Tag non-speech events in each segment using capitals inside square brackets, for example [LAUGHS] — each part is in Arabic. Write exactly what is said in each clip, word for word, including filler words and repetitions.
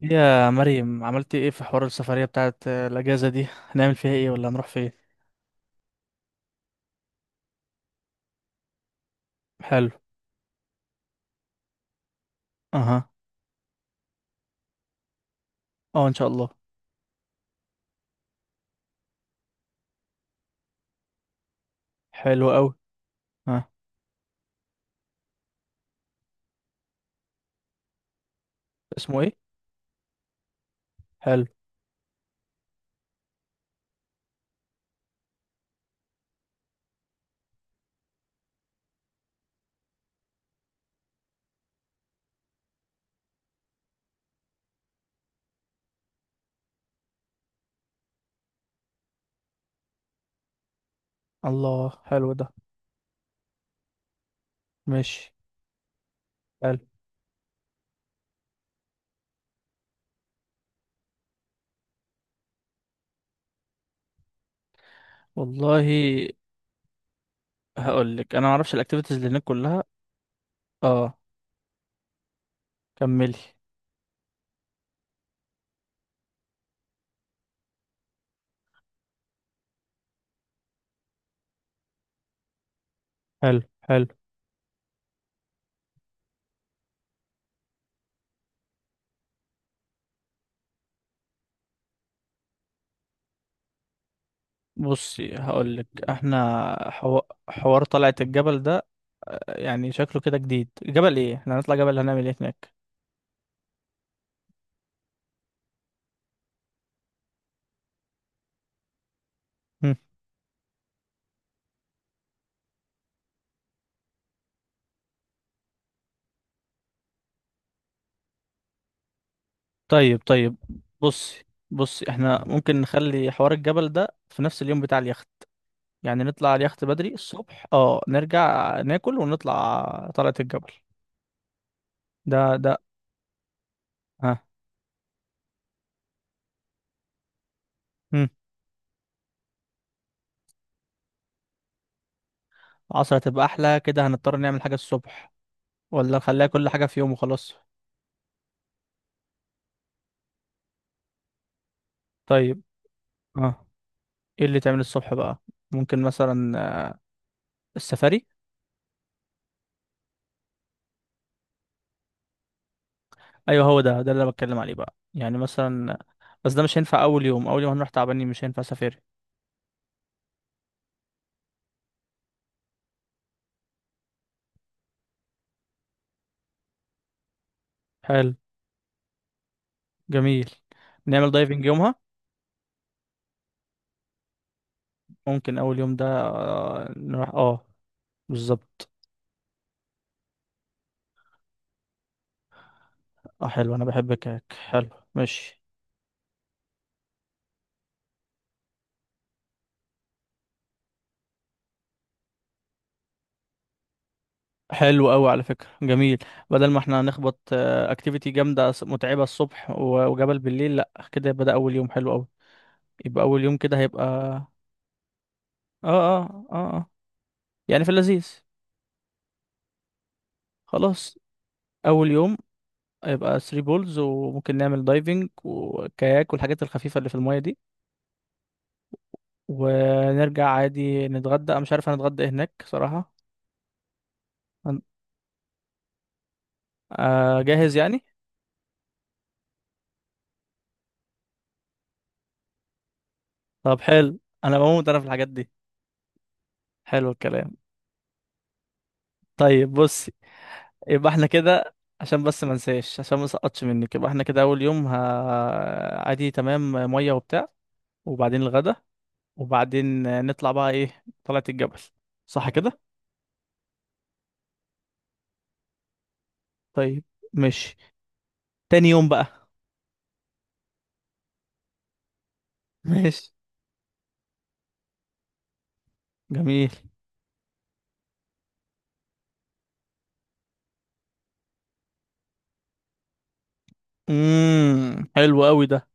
يا مريم، عملتي ايه في حوار السفرية بتاعت الأجازة دي؟ هنعمل فيها ايه؟ ولا هنروح فين؟ حلو. اها. اه ان شاء الله. حلو قوي. ها. اسمه ايه؟ حلو. الله، حلو ده. ماشي. حلو. والله. هقول لك، انا ما اعرفش الاكتيفيتيز اللي هناك كلها. اه، كملي. حلو حلو. بصي هقول لك احنا حو... حوار طلعة الجبل ده، يعني شكله كده جديد. جبل ايه؟ احنا هنطلع جبل هنعمل ايه هناك؟ طيب طيب. بصي. بصي احنا ممكن نخلي حوار الجبل ده في نفس اليوم بتاع اليخت، يعني نطلع على اليخت بدري الصبح، اه، نرجع ناكل ونطلع طلعة الجبل. ده ده. ها. مم. عصر هتبقى احلى، كده هنضطر نعمل حاجة الصبح، ولا نخليها كل حاجة في يوم وخلاص؟ طيب. اه. ايه اللي تعمل الصبح بقى؟ ممكن مثلا آه، السفاري. ايوه، هو ده ده اللي انا بتكلم عليه بقى، يعني مثلا آه، بس ده مش هينفع اول يوم. اول يوم هنروح تعبانين، مش هينفع سفاري. حلو. جميل. نعمل دايفنج يومها. ممكن اول يوم ده آه، نروح، اه، بالظبط. اه حلو، انا بحب الكاك، حلو. ماشي. حلو قوي على فكرة، جميل. بدل ما احنا هنخبط اكتيفيتي جامدة س- متعبة الصبح و- وجبل بالليل، لا، كده يبقى ده اول يوم حلو قوي. يبقى اول يوم كده هيبقى اه. اه اه اه. يعني في اللذيذ. خلاص. اول يوم هيبقى ثري بولز، وممكن نعمل دايفنج وكاياك والحاجات الخفيفة اللي في المية دي. ونرجع عادي نتغدى. أنا مش عارف هنتغدى إيه هناك صراحة. هن- آه، جاهز يعني. طب حلو، انا بموت انا في الحاجات دي. حلو الكلام. طيب بصي، يبقى احنا كده. عشان بس ما انساش، عشان ما سقطش منك، يبقى احنا كده اول يوم ه... عادي تمام، ميه وبتاع، وبعدين الغدا، وبعدين نطلع بقى ايه، طلعت الجبل، صح كده؟ طيب. ماشي. تاني يوم بقى. [LAUGHS] ماشي. جميل. امم، حلو قوي ده.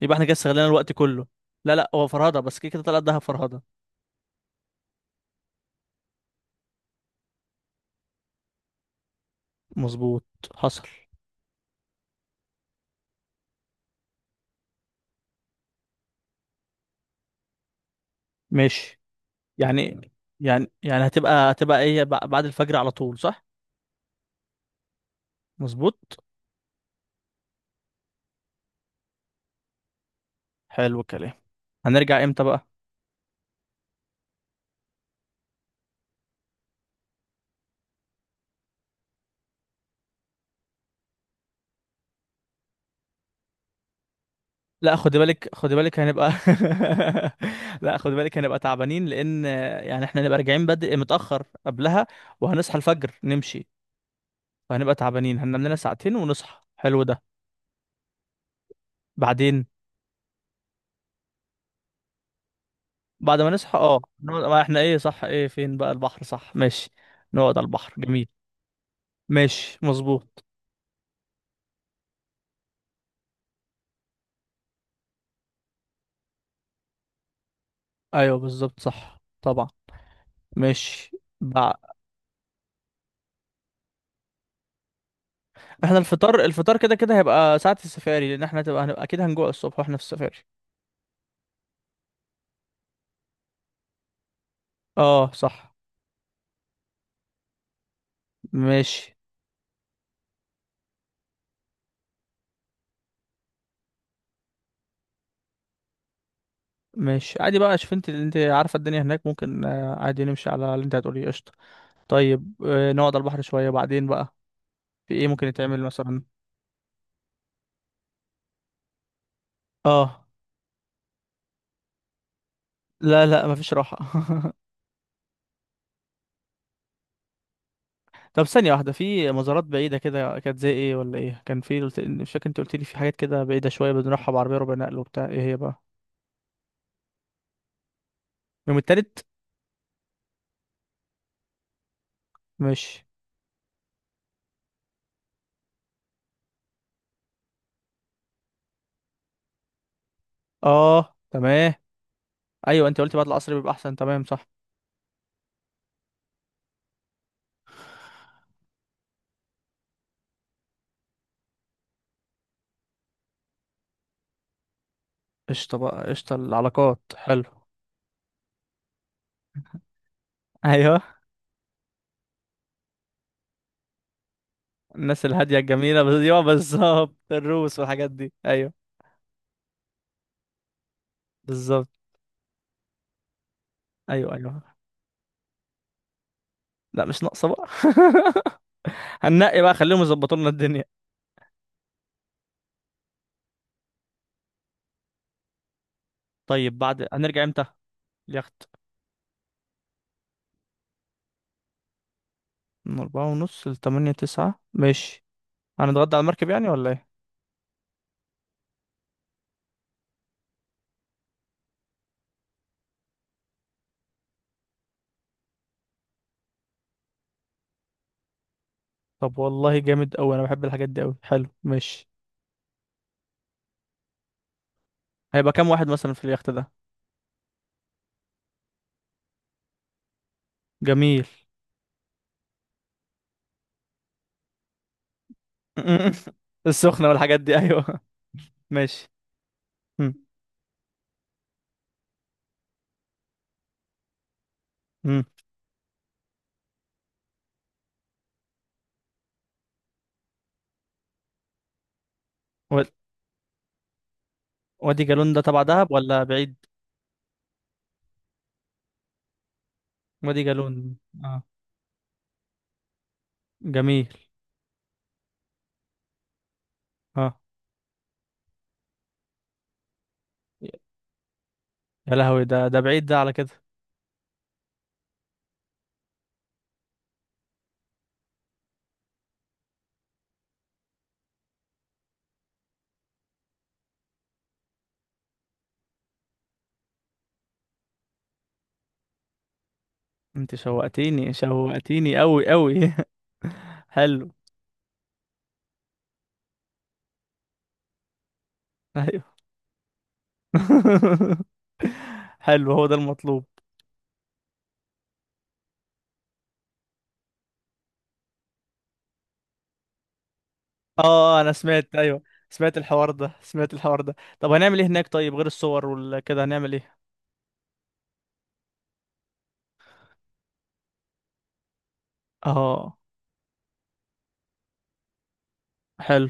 يبقى احنا كده استغلينا الوقت كله. لا لا، هو فرهده، بس كده كده طلعت دهب فرهده. مظبوط. حصل. ماشي. يعني يعني يعني هتبقى هتبقى ايه، بع- بعد الفجر على طول، صح؟ مظبوط. حلو الكلام. هنرجع امتى بقى؟ لا خدي بالك، خدي بالك، هنبقى. [LAUGHS] لا خدي بالك، هنبقى تعبانين، لان يعني احنا هنبقى راجعين بدري متاخر قبلها، وهنصحى الفجر نمشي، فهنبقى تعبانين. هننام لنا ساعتين ونصحى. حلو ده. بعدين. بعد ما نصحى، اه، نقعد. ما احنا ايه، صح، ايه فين بقى البحر، صح، ماشي. نقعد على البحر، جميل. ماشي، مظبوط. ايوه بالظبط، صح طبعا. ماشي. بع- احنا الفطار، الفطار كده كده هيبقى ساعة السفاري، لان احنا هتبقى هنبقى اكيد هنجوع الصبح واحنا في السفاري. اه صح. ماشي. ماشي عادي بقى، شوف انت، اللي انت عارفة الدنيا هناك، ممكن آه، عادي نمشي على اللي انت هتقوليه، قشطة. طيب آه، نقعد على البحر شوية، بعدين بقى في ايه ممكن يتعمل مثلا؟ اه. لا لا، مفيش راحة. [LAUGHS] طب ثانية واحدة، في مزارات بعيدة كده كانت زي ايه ولا ايه؟ كان في، قلت، مش فاكر، انت قلت لي في حاجات كده بعيدة شوية بنروحها بعربية ربع نقل وبتاع، ايه هي بقى؟ يوم التالت. ماشي. اه تمام. ايوه، انت قلتي بعد العصر بيبقى احسن، تمام صح. قشطه بقى، قشطه العلاقات، حلو. [LAUGHS] ايوه. الناس الهاديه الجميله بس، ايوه بالظبط، الروس والحاجات دي، ايوه. بالظبط. ايوه ايوه. لا، مش ناقصه بقى. [LAUGHS] هننقي بقى، خليهم يظبطوا لنا الدنيا. طيب بعد هنرجع امتى؟ اليخت. من أربعة ونص لتمانية تسعة، ماشي. هنتغدى على المركب يعني ولا ايه؟ طب والله جامد أوي، أنا بحب الحاجات دي أوي، حلو. ماشي. هيبقى كام واحد مثلا في اليخت ده؟ جميل. [LAUGHS] السخنة والحاجات دي، أيوه. ماشي. امم. وادي جالون ده تبع دهب ولا بعيد؟ وادي جالون. اه. جميل. اه. يا لهوي، ده ده بعيد ده على كده. انت شوقتيني، شوقتيني قوي قوي. [LAUGHS] حلو. ايوه. [LAUGHS] حلو، هو ده المطلوب. اه آه، انا سمعت، ايوه. سمعت الحوار ده، سمعت الحوار ده. طب هنعمل ايه هناك؟ طيب غير الصور وكده هنعمل ايه؟ اه. حلو.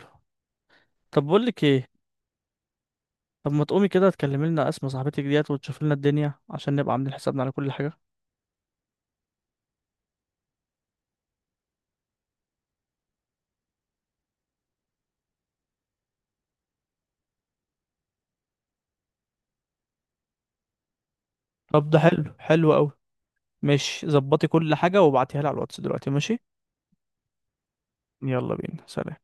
طب بقول لك ايه. طب ما تقومي كده تكلمي لنا اسماء صاحبتك ديت وتشوفي لنا الدنيا، عشان نبقى عاملين حسابنا على كل حاجة. طب ده حلو، حلو قوي. ماشي، ظبطي كل حاجة وابعتيها لي على الواتس دلوقتي، ماشي. يلا بينا، سلام.